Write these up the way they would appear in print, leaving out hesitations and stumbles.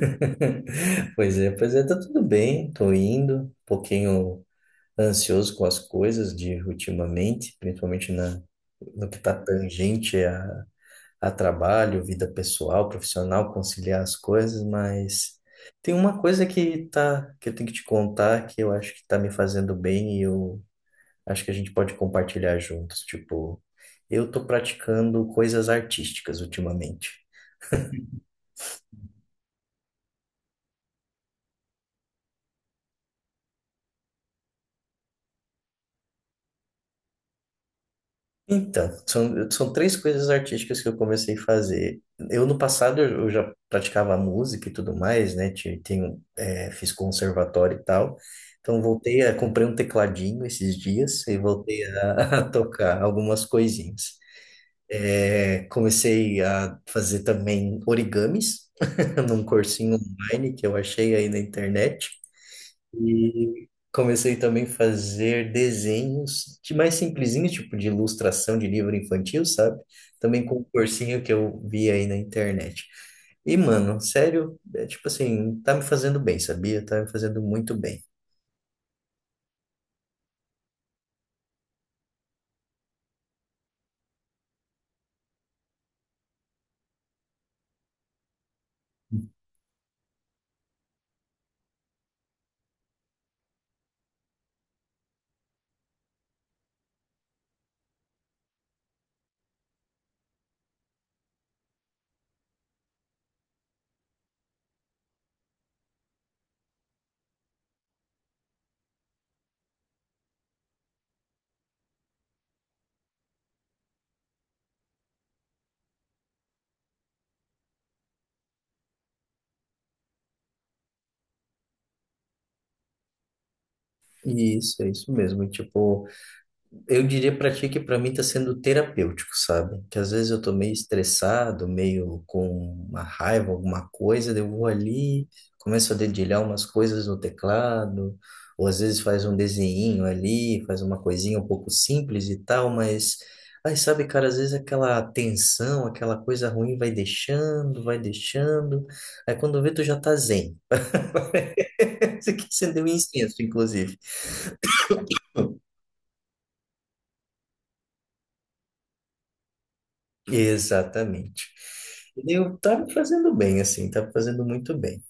Pois é, tá tudo bem, tô indo, um pouquinho ansioso com as coisas de ultimamente, principalmente no que tá tangente a trabalho, vida pessoal, profissional, conciliar as coisas, mas tem uma coisa que eu tenho que te contar que eu acho que tá me fazendo bem e eu acho que a gente pode compartilhar juntos, tipo, eu tô praticando coisas artísticas ultimamente. Então, são três coisas artísticas que eu comecei a fazer. Eu, no passado, eu já praticava música e tudo mais, né? Tenho, é, fiz conservatório e tal. Então, voltei a... Comprei um tecladinho esses dias e voltei a a tocar algumas coisinhas. É, comecei a fazer também origamis num cursinho online que eu achei aí na internet. E comecei também a fazer desenhos de mais simplesinhos, tipo de ilustração de livro infantil, sabe? Também com um cursinho que eu vi aí na internet. E, mano, sério, é tipo assim, tá me fazendo bem, sabia? Tá me fazendo muito bem. E isso, é isso mesmo. E, tipo, eu diria pra ti que pra mim tá sendo terapêutico, sabe? Que às vezes eu tô meio estressado, meio com uma raiva, alguma coisa, daí eu vou ali, começo a dedilhar umas coisas no teclado, ou às vezes faz um desenhinho ali, faz uma coisinha um pouco simples e tal, mas aí sabe, cara, às vezes aquela tensão, aquela coisa ruim vai deixando, vai deixando. Aí quando vê tu já tá zen. Parece que acendeu um incenso, inclusive. Exatamente. Eu tá me fazendo bem, assim, tá me fazendo muito bem.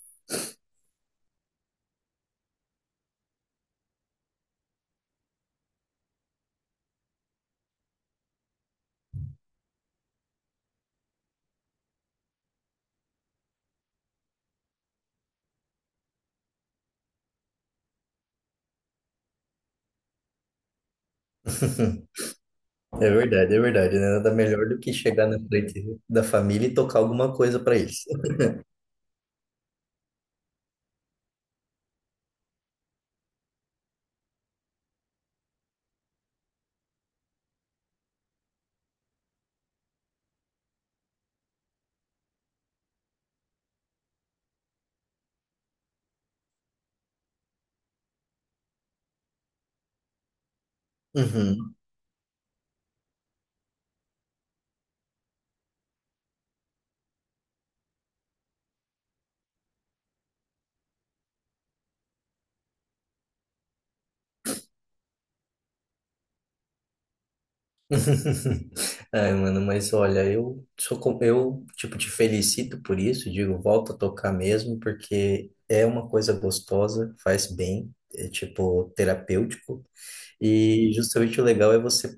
É verdade, né? Nada melhor do que chegar na frente da família e tocar alguma coisa pra eles. Uhum. Ai, mano, mas olha, eu eu tipo te felicito por isso, digo, volta a tocar mesmo, porque é uma coisa gostosa, faz bem, é tipo terapêutico. E justamente o legal é você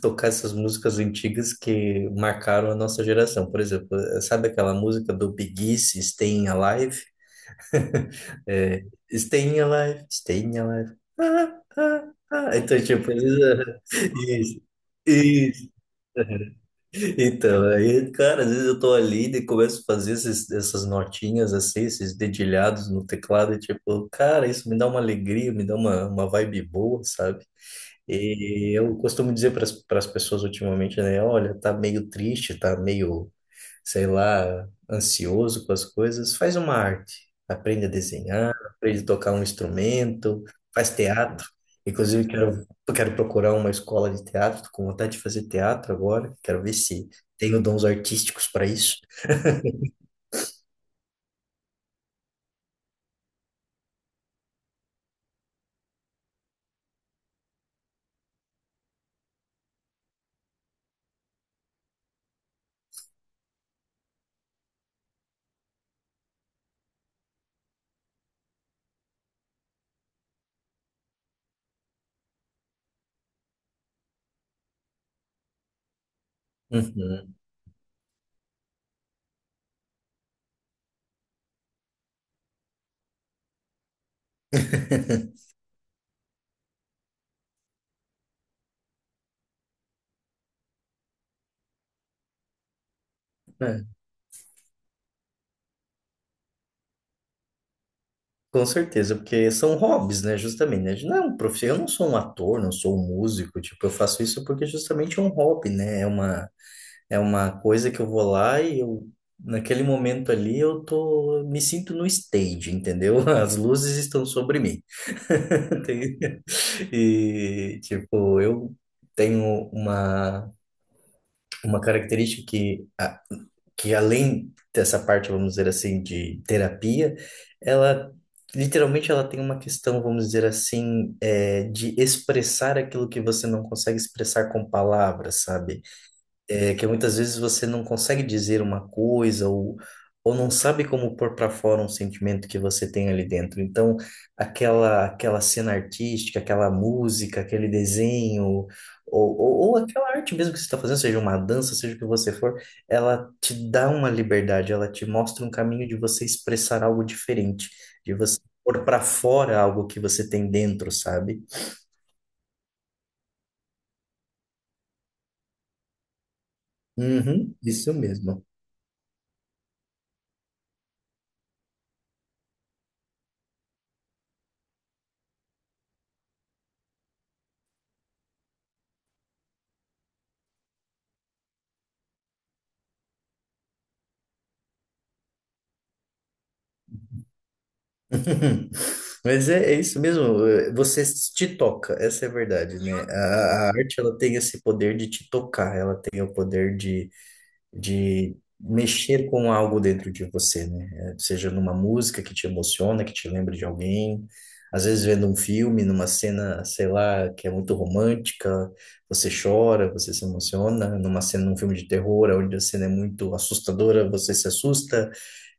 tocar essas músicas antigas que marcaram a nossa geração. Por exemplo, sabe aquela música do Big Easy, Staying Alive? É, Staying Alive, Staying Alive. Ah, ah, ah. Então, tipo, às vezes, isso. Isso. Então, aí, cara, às vezes eu tô ali e começo a fazer essas notinhas assim, esses dedilhados no teclado, e tipo, cara, isso me dá uma alegria, me dá uma vibe boa, sabe? E eu costumo dizer para as pessoas ultimamente, né? Olha, tá meio triste, tá meio, sei lá, ansioso com as coisas. Faz uma arte. Aprende a desenhar, aprende a tocar um instrumento, faz teatro. Inclusive, quero procurar uma escola de teatro, tô com vontade de fazer teatro agora. Quero ver se tenho dons artísticos para isso. Uhum. Com certeza, porque são hobbies, né? Justamente, né? Não é um eu não sou um ator, não sou um músico, tipo, eu faço isso porque justamente é um hobby, né? É uma coisa que eu vou lá e eu, naquele momento ali, me sinto no stage, entendeu? As luzes estão sobre mim. Tem- E, tipo, eu tenho uma característica que além dessa parte, vamos dizer assim, de terapia, ela literalmente ela tem uma questão, vamos dizer assim, é, de expressar aquilo que você não consegue expressar com palavras, sabe? É que muitas vezes você não consegue dizer uma coisa, ou não sabe como pôr para fora um sentimento que você tem ali dentro. Então, aquela cena artística, aquela música, aquele desenho, ou, ou aquela arte mesmo que você está fazendo, seja uma dança, seja o que você for, ela te dá uma liberdade, ela te mostra um caminho de você expressar algo diferente, de você pôr para fora algo que você tem dentro, sabe? Uhum, isso mesmo. Mas é isso mesmo, você te toca, essa é a verdade, né? A arte ela tem esse poder de te tocar, ela tem o poder de mexer com algo dentro de você, né? Eh, seja numa música que te emociona, que te lembra de alguém, às vezes vendo um filme, numa cena, sei lá, que é muito romântica, você chora, você se emociona, numa cena, num filme de terror, onde a cena é muito assustadora, você se assusta.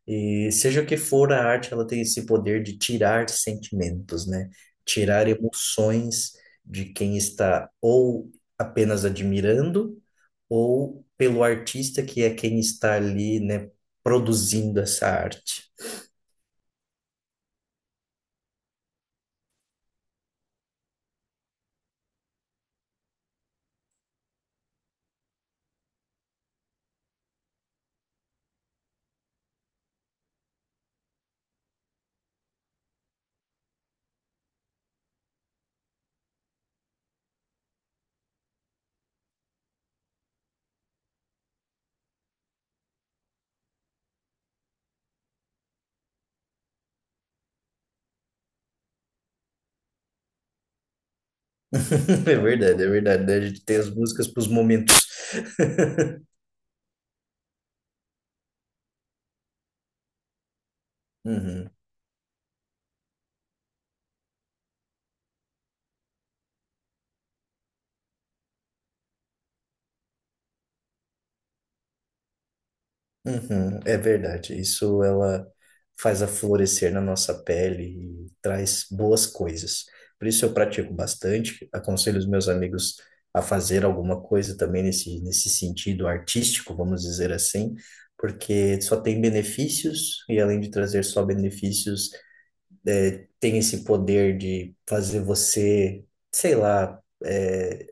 E seja o que for a arte, ela tem esse poder de tirar sentimentos, né? Tirar emoções de quem está ou apenas admirando, ou pelo artista que é quem está ali, né, produzindo essa arte. É verdade, né? A gente tem as músicas para os momentos. Uhum. Uhum, é verdade. Isso ela faz a florescer na nossa pele e traz boas coisas. Por isso eu pratico bastante. Aconselho os meus amigos a fazer alguma coisa também nesse sentido artístico, vamos dizer assim, porque só tem benefícios e além de trazer só benefícios, tem esse poder de fazer você, sei lá, é,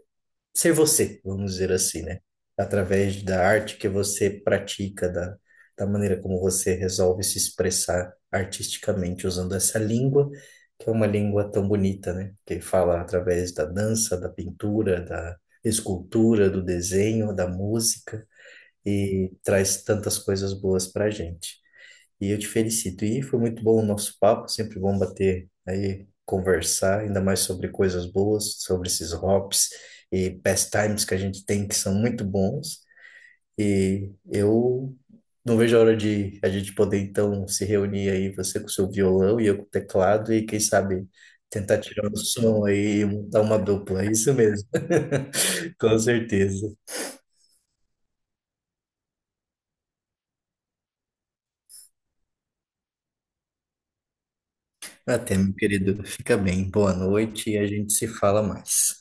ser você, vamos dizer assim, né? Através da arte que você pratica, da maneira como você resolve se expressar artisticamente usando essa língua, que é uma língua tão bonita, né? Que fala através da dança, da pintura, da escultura, do desenho, da música e traz tantas coisas boas para a gente. E eu te felicito. E foi muito bom o nosso papo, sempre bom bater aí, conversar, ainda mais sobre coisas boas, sobre esses hops e pastimes que a gente tem que são muito bons. E eu não vejo a hora de a gente poder então se reunir aí, você com o seu violão e eu com o teclado, e quem sabe tentar tirar um som aí e montar uma dupla. É isso mesmo, com certeza. Até, meu querido, fica bem, boa noite e a gente se fala mais.